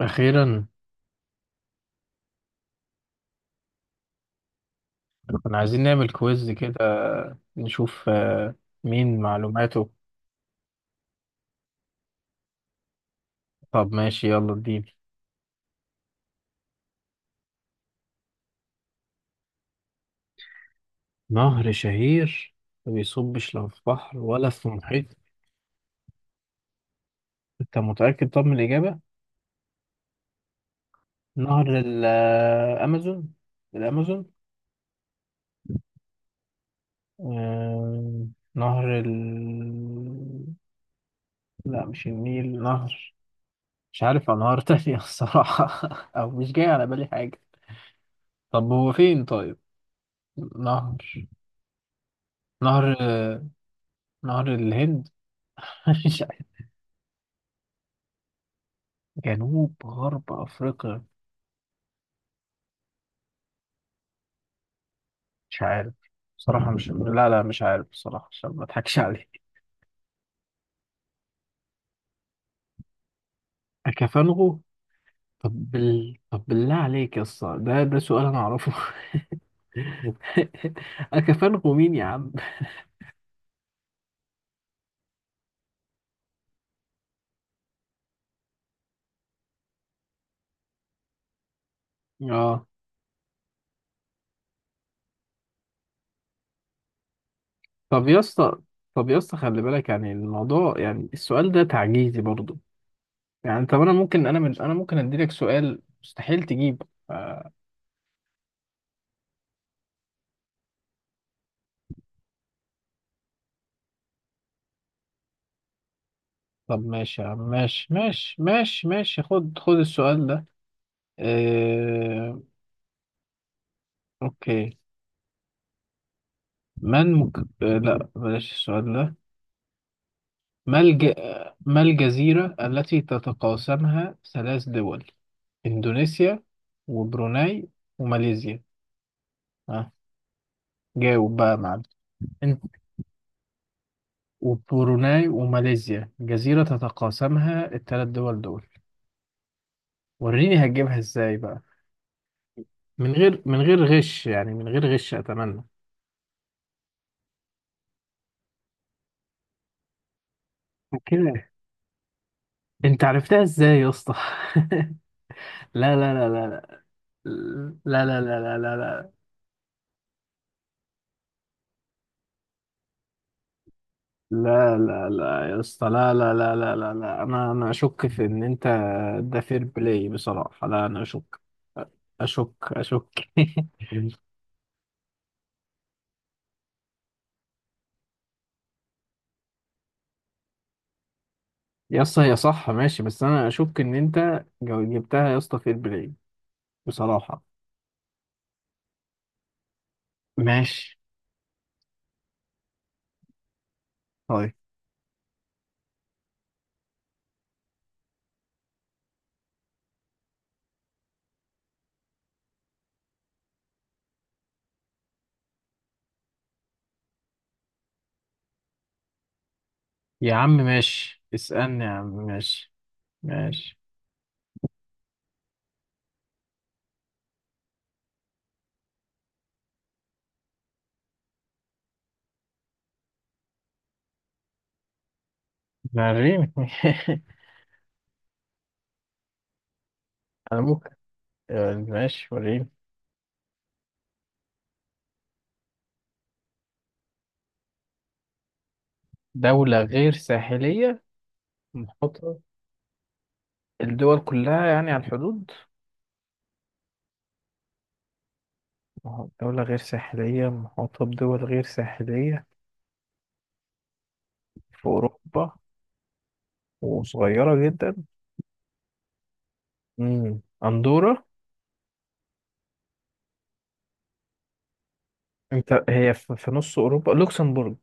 أخيرا. كنا عايزين نعمل كويز كده نشوف مين معلوماته. طب ماشي، يلا اديني. نهر شهير ما بيصبش لا في بحر ولا في محيط. أنت متأكد طب من الإجابة؟ نهر الأمازون، الأمازون. آه، نهر لا، مش النيل نهر. مش عارف أنهار تانية الصراحة. أو مش جاي على بالي حاجة. طب هو فين طيب؟ نهر نهر نهر الهند. مش عارف. جنوب غرب أفريقيا. مش عارف بصراحة، مش لا لا، مش عارف بصراحة عشان ما أضحكش عليك. أكافنغو. طب بالله عليك يا اسطى، ده سؤال أنا أعرفه. أكافنغو مين يا عم؟ اه. طب يا اسطى طب يا اسطى، خلي بالك يعني الموضوع، يعني السؤال ده تعجيزي برضو. يعني طب أنا ممكن، أنا ممكن أديلك سؤال مستحيل تجيب. طب ماشي يا عم، ماشي ماشي ماشي ماشي، خد السؤال ده. آه، أوكي. ما المك... لا، بلاش السؤال ده. ما الج... ما الجزيرة التي تتقاسمها ثلاث دول، إندونيسيا وبروناي وماليزيا؟ آه. جاوب بقى يا معلم. إن- وبروناي وماليزيا، جزيرة تتقاسمها الثلاث دول دول. وريني هتجيبها ازاي بقى؟ من غير غش يعني، من غير غش أتمنى. كده، انت عرفتها ازاي يا اسطى؟ لا لا لا لا لا لا لا، لا لا لا لا لا لا لا يا اسطى، لا لا لا لا لا لا، انا اشك في ان انت. ده فير بلاي بصراحه. لا، انا اشك، اشك اشك. يا اسطى هي صح ماشي، بس انا اشك ان انت جبتها يا اسطى. فير بلاي بصراحه. ماشي. طيب يا عم ماشي، اسالني يا عم. ماشي ماشي، وريني. انا ممكن. ماشي وريني. دوله غير ساحليه، محاطه. الدول كلها يعني على الحدود. ما هو دولة غير ساحلية محاطة بدول غير ساحلية. في أوروبا. وصغيرة جدا. مم. أندورا. أنت هي في نص أوروبا. لوكسمبورج.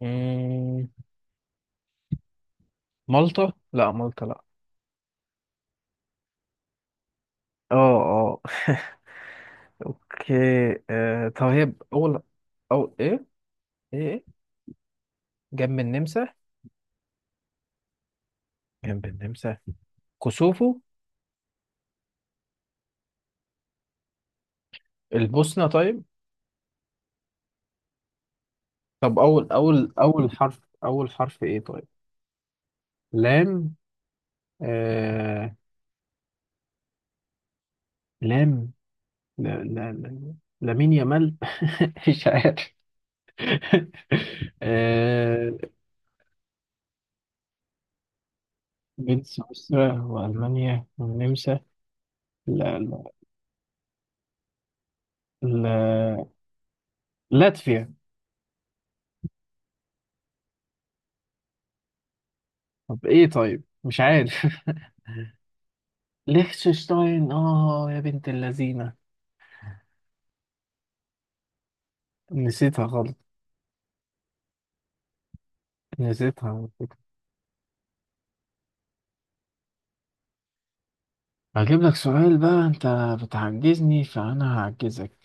مم. مالطا، لا، مالطا لا. اه، اه. اوكي. آه. طب هي أول. أو إيه؟ إيه إيه؟ جنب النمسا. جنب النمسا. كوسوفو. البوسنة طيب. طب أول حرف إيه طيب؟ لام. آه... لام. لا لا لا. لامين يامال. مش عارف. آه، بين سويسرا وألمانيا والنمسا. لا لا لا. لاتفيا. طب ايه طيب؟ مش عارف. ليechtenstein. اه يا بنت اللذينة. نسيتها غلط. نسيتها على فكرة. هجيب لك سؤال بقى انت، بتعجزني فانا هعجزك.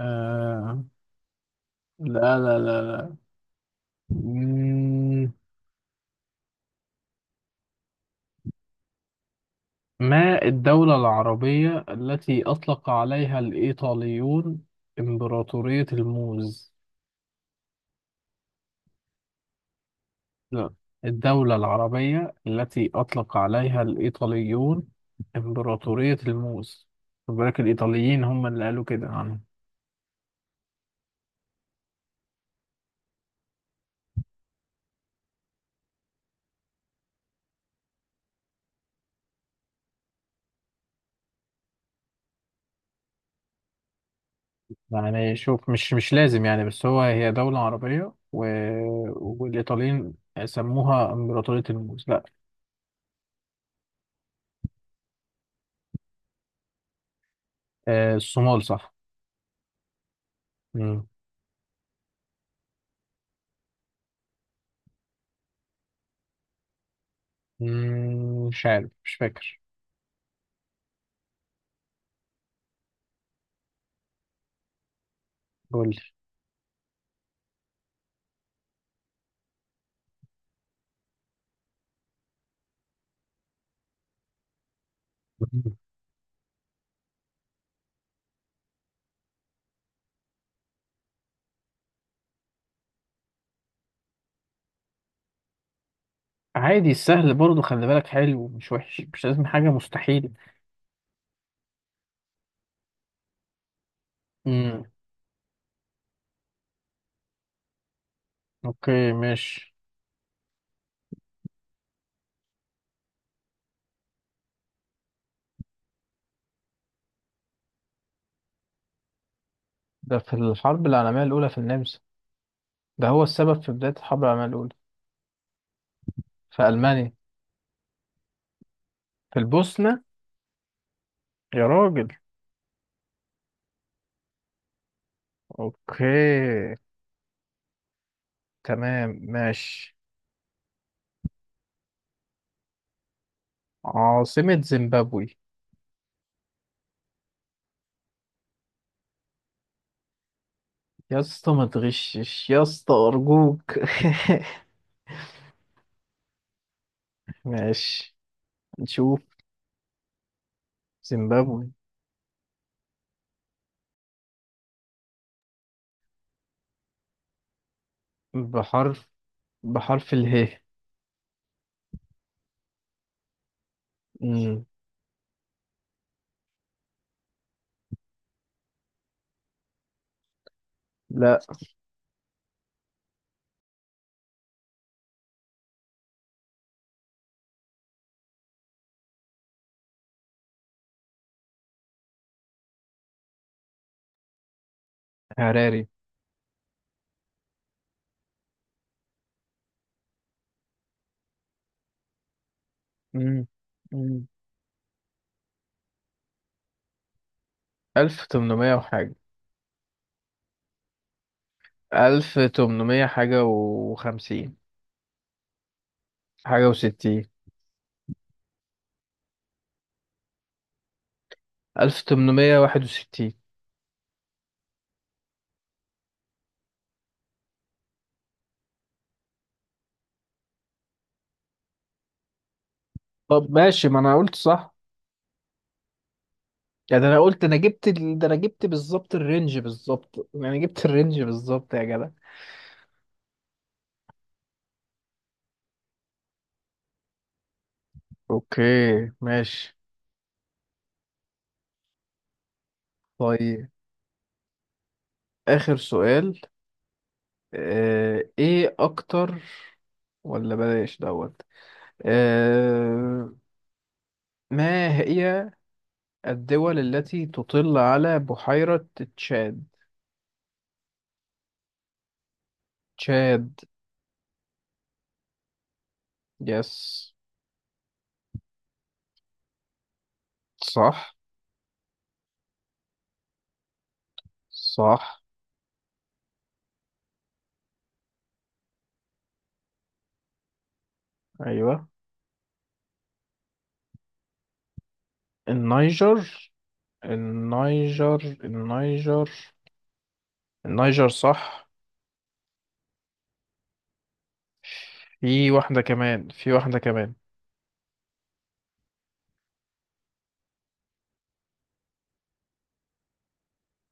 آه. لا لا لا لا. مم، ما الدولة العربية التي أطلق عليها الإيطاليون إمبراطورية الموز؟ لا. الدولة العربية التي أطلق عليها الإيطاليون إمبراطورية الموز. خد بالك، الإيطاليين هم اللي قالوا كده عنها. يعني شوف، مش لازم يعني، بس هو، هي دولة عربية، و... والإيطاليين سموها إمبراطورية الموز. لا، الصومال صح. مم. مم، مش عارف، مش فاكر. قول لي. عادي، السهل برضه خلي بالك حلو، مش وحش، مش لازم حاجة مستحيل. امم. اوكي ماشي. ده في الحرب العالمية الأولى، في النمسا. ده هو السبب في بداية الحرب العالمية الأولى. في ألمانيا. في البوسنة. يا راجل. اوكي، تمام، ماشي. عاصمة زيمبابوي. يا اسطى، ما تغشش يا اسطى، أرجوك. ماشي. نشوف. زيمبابوي. بحرف. اله. مم. لا. هراري. مم. مم. ألف تمنمية وحاجة. ألف تمنمية حاجة وخمسين. حاجة وستين. 1861. طب ماشي، ما أنا قلت صح. يعني أنا قلت، ده أنا جبت بالظبط الرينج، بالظبط، أنا جبت الرينج بالظبط يا جدع. أوكي ماشي. طيب، آخر سؤال. إيه أكتر. ولا بلاش دوت. آه... ما هي الدول التي تطل على بحيرة تشاد؟ تشاد. يس. صح صح. ايوه. النيجر، النيجر، النيجر، النيجر صح. في واحدة كمان، في واحدة كمان.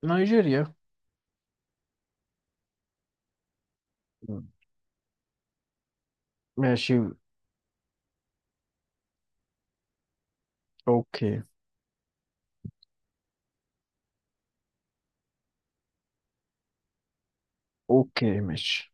نيجيريا. ماشي. اوكي. اوكي ماشي.